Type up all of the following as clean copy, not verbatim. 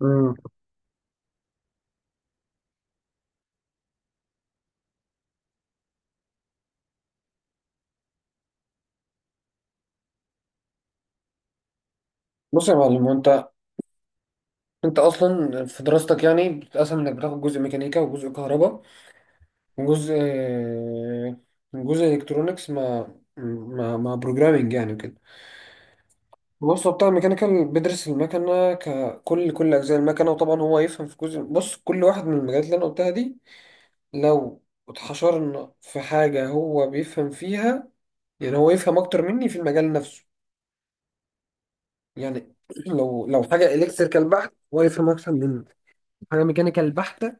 مم. بص يا معلم، هو انت اصلا في دراستك يعني بتتقسم انك بتاخد جزء ميكانيكا وجزء كهرباء وجزء جزء الكترونكس مع مع بروجرامنج يعني وكده. بص، هو بتاع الميكانيكال بيدرس المكنه ككل، كل اجزاء المكنه، وطبعا هو يفهم في جزء. بص، كل واحد من المجالات اللي انا قلتها دي لو اتحشرنا في حاجه هو بيفهم فيها، يعني هو يفهم اكتر مني في المجال نفسه. يعني لو حاجه الكتريكال بحت هو يفهم اكتر مني، حاجة ميكانيكال بحتة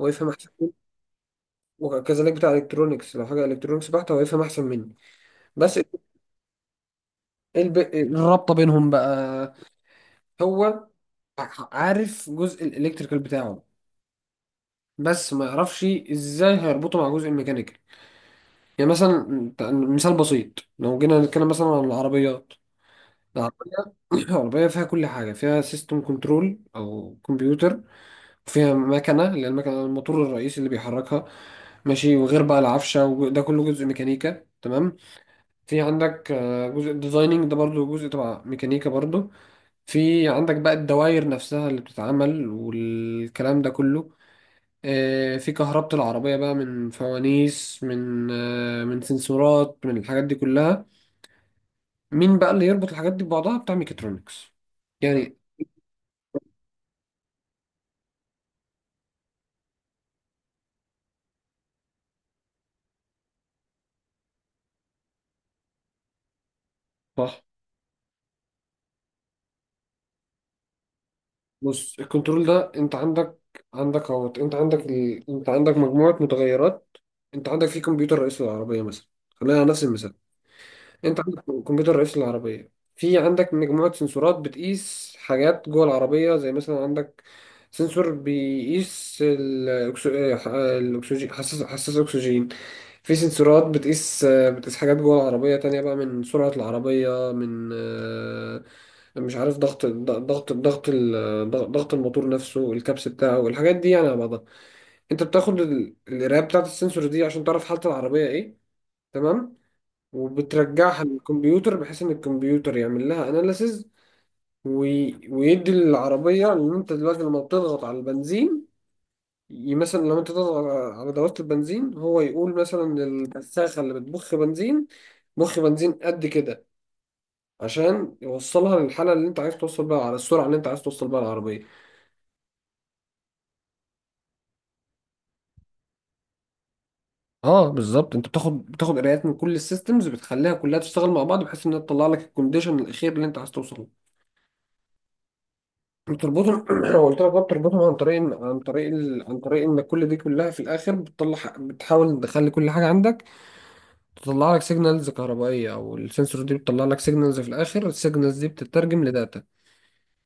هو يفهم أحسن مني، وكذلك بتاع الكترونكس لو حاجة الكترونكس بحتة هو يفهم أحسن مني. بس الرابطة بينهم بقى، هو عارف جزء الالكتريكال بتاعه بس ما يعرفش ازاي هيربطه مع جزء الميكانيكال. يعني مثلا مثال بسيط، لو جينا نتكلم مثلا عن العربيات. العربية العربية فيها كل حاجة، فيها سيستم كنترول أو كمبيوتر، فيها مكنة اللي هي المكنة، الموتور الرئيسي اللي بيحركها، ماشي، وغير بقى العفشة وده كله جزء ميكانيكا. تمام. في عندك جزء ديزايننج، ده برضو جزء تبع ميكانيكا برضو. في عندك بقى الدواير نفسها اللي بتتعمل والكلام ده كله. في كهربة العربية بقى، من فوانيس، من من سنسورات، من الحاجات دي كلها. مين بقى اللي يربط الحاجات دي ببعضها؟ بتاع ميكاترونكس، يعني. صح. بص الكنترول ده، انت عندك عندك اهوت، انت عندك انت عندك مجموعة متغيرات. انت عندك في كمبيوتر رئيس العربية مثلا، خلينا على نفس المثال. انت عندك كمبيوتر رئيس العربية، في عندك مجموعة سنسورات بتقيس حاجات جوه العربية، زي مثلا عندك سنسور بيقيس الأكسجين، حساس، حساس أكسجين. في سنسورات بتقيس حاجات جوه العربية تانية بقى، من سرعة العربية، من مش عارف، ضغط الموتور نفسه، الكبس بتاعه، الحاجات دي يعني على بعضها. انت بتاخد القراية بتاعة السنسور دي عشان تعرف حالة العربية ايه. تمام. وبترجعها للكمبيوتر بحيث ان الكمبيوتر يعمل لها اناليسز، ويدي للعربية ان انت دلوقتي لما بتضغط على البنزين، مثلا لو انت تضغط على دواسة البنزين هو يقول مثلا للبساخة اللي بتبخ بنزين بخ بنزين قد كده، عشان يوصلها للحالة اللي انت عايز توصل بيها، على السرعة اللي انت عاز توصل بيها العربية. اه بالظبط، انت بتاخد قرايات من كل السيستمز، بتخليها كلها تشتغل مع بعض بحيث انها تطلع لك الكونديشن الاخير اللي انت عايز توصل له. بتربطهم قلت لك بقى، بتربطهم عن طريق عن طريق عن طريق ان كل دي كلها في الاخر بتطلع، بتحاول تخلي كل حاجه عندك تطلع لك سيجنالز كهربائيه، او السنسور دي بتطلع لك سيجنالز. في الاخر السيجنالز دي بتترجم لداتا،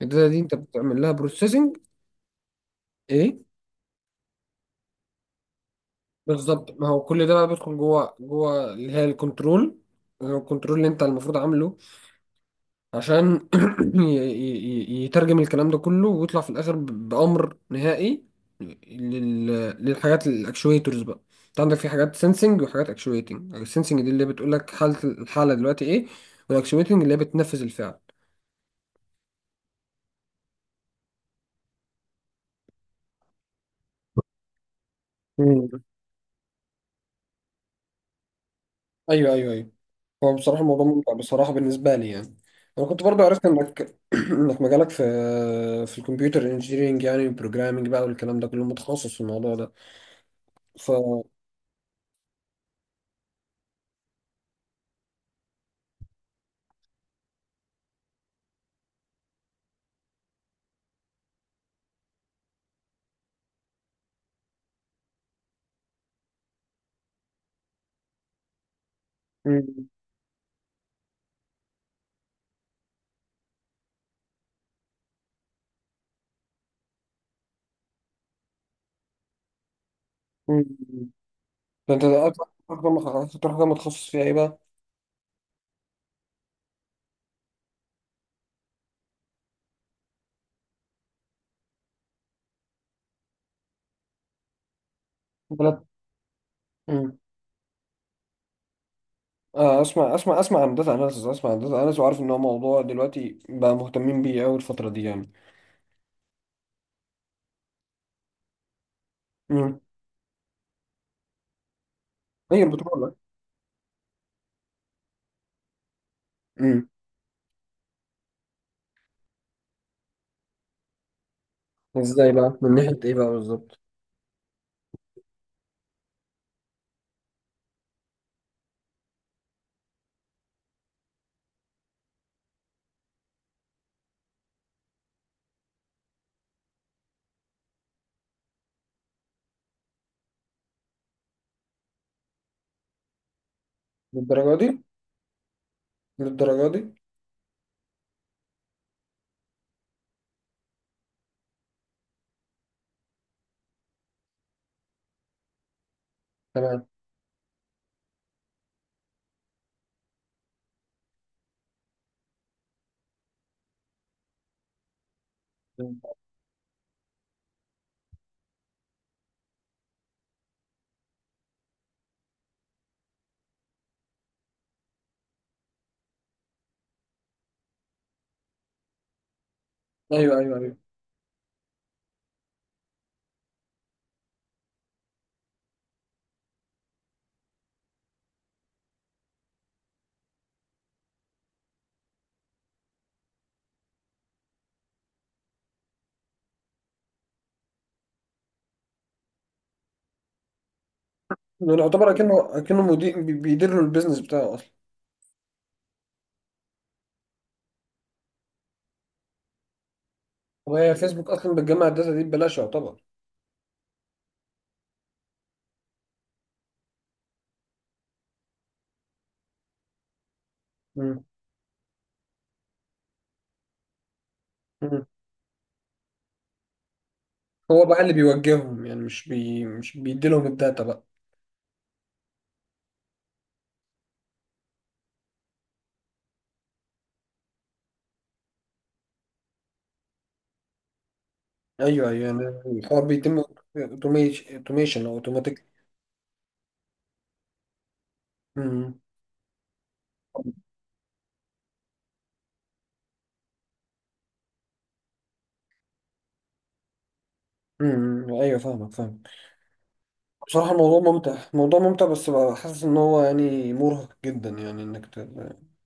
الداتا دي انت بتعمل لها بروسيسنج. ايه بالظبط، ما هو كل ده بقى بيدخل جوه اللي هي الكنترول، الكنترول اللي انت المفروض عامله عشان ي- ي- يترجم الكلام ده كله ويطلع في الاخر بامر نهائي لل... للحاجات الاكشويتورز بقى. انت عندك في حاجات سنسنج وحاجات اكشويتنج. السنسنج دي اللي بتقول لك حاله، الحاله دلوقتي ايه، والاكشويتنج اللي هي بتنفذ الفعل. مم. ايوه، ايوه، ايوه. هو بصراحه الموضوع ممتع بصراحه بالنسبه لي يعني. انا كنت برضو عرفت انك انك مجالك في في الكمبيوتر انجينيرنج، يعني بروجرامنج بقى والكلام ده كله، متخصص في الموضوع ده. ف مم. مم. ده انت اكتر. ما اكتر حاجه متخصص فيها ايه بقى؟ بلد. امم آه، اسمع عن داتا اناليسز، اسمع عن داتا اناليسز، وعارف ان هو موضوع دلوقتي بقى مهتمين بيه قوي الفتره دي يعني. امم هي البترول؟ لا. امم ازاي بقى؟ من ناحيه ايه بقى بالظبط؟ للدرجه دي؟ للدرجه دي؟ تمام. مم. ايوه، ايوه، ايوه. يعني يعتبر اكنه مدير، بيدير له البيزنس بتاعه اصلا. وهي فيسبوك اصلا بتجمع الداتا دي ببلاش يعتبر. مم. مم. هو بقى اللي بيوجههم يعني، مش بيديلهم الداتا بقى. ايوه، ايوه، أنا الحوار بيتم اوتوميشن او اوتوماتيك. امم ايوه، فاهمك، فاهم. بصراحه الموضوع ممتع، موضوع ممتع، بس بقى حاسس ان هو يعني مرهق جدا، يعني انك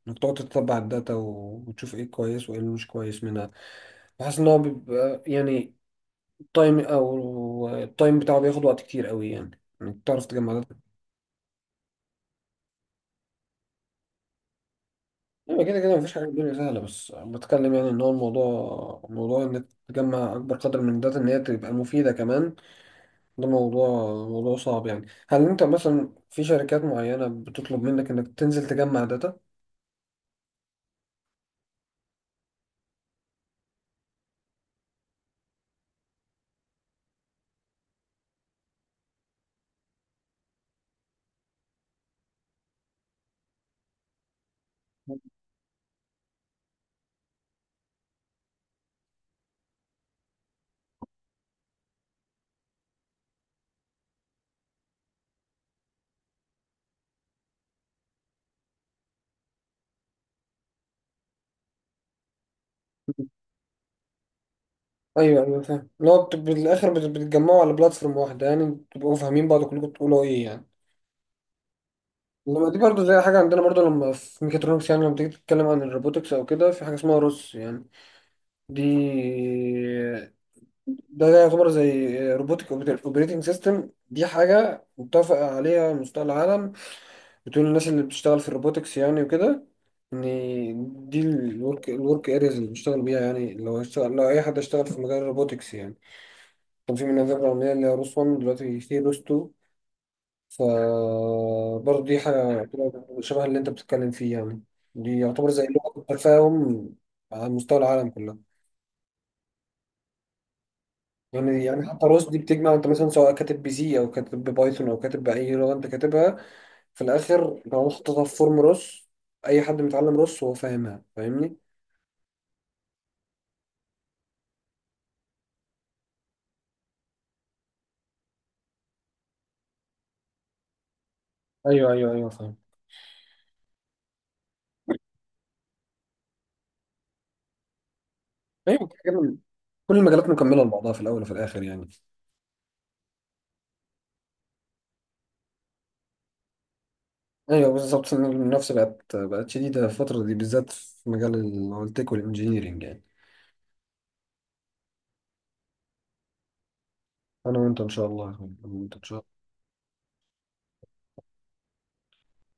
انك تقعد تتبع الداتا وتشوف ايه كويس وايه اللي مش كويس منها. بحس ان هو بيبقى يعني التايم بتاعه بياخد وقت كتير قوي، يعني انك تعرف تجمع داتا. ايوه كده كده، مفيش حاجه الدنيا سهله، بس بتكلم يعني ان هو الموضوع، موضوع انك تجمع اكبر قدر من الداتا، ان هي تبقى مفيده كمان. ده موضوع، موضوع صعب يعني. هل انت مثلا في شركات معينة بتطلب منك انك تنزل تجمع داتا؟ ايوه، ايوه، فاهم. اللي هو بالاخر بتتجمعوا على بلاتفورم واحدة يعني، تبقوا فاهمين بعض كلكم بتقولوا ايه يعني. لما دي برضه زي حاجة عندنا، برضه لما في ميكاترونكس يعني، لما تيجي تتكلم عن الروبوتكس او كده، في حاجة اسمها روس يعني. دي ده يعتبر زي روبوتك اوبريتنج سيستم. دي حاجة متفق عليها على مستوى العالم، بتقول الناس اللي بتشتغل في الروبوتكس يعني وكده، ان دي الورك، الورك ارياز اللي بيشتغل بيها يعني، لو هشتغل، لو اي حد اشتغل في مجال الروبوتكس يعني. كان في منها ذكرى عمليه اللي هي روس 1، دلوقتي في روس 2. ف برضه دي حاجه بتبقى شبه اللي انت بتتكلم فيه يعني. دي يعتبر زي لغه التفاهم على مستوى العالم كله. يعني يعني حتى الروس دي بتجمع، انت مثلا سواء كاتب بي سي او كاتب ببايثون او كاتب باي لغه انت كاتبها، في الاخر لو حطيتها في فورم روس اي حد متعلم روس هو فاهمها. فاهمني؟ ايوه، ايوه، ايوه، فاهم. ايوه كده. كل المجالات مكمله لبعضها في الاول وفي الاخر يعني. ايوه بالظبط، المنافسه بقت شديده الفتره دي، بالذات في مجال التك والانجينيرنج يعني. انا وانت ان شاء الله يا اخوي. انا وانت ان شاء الله.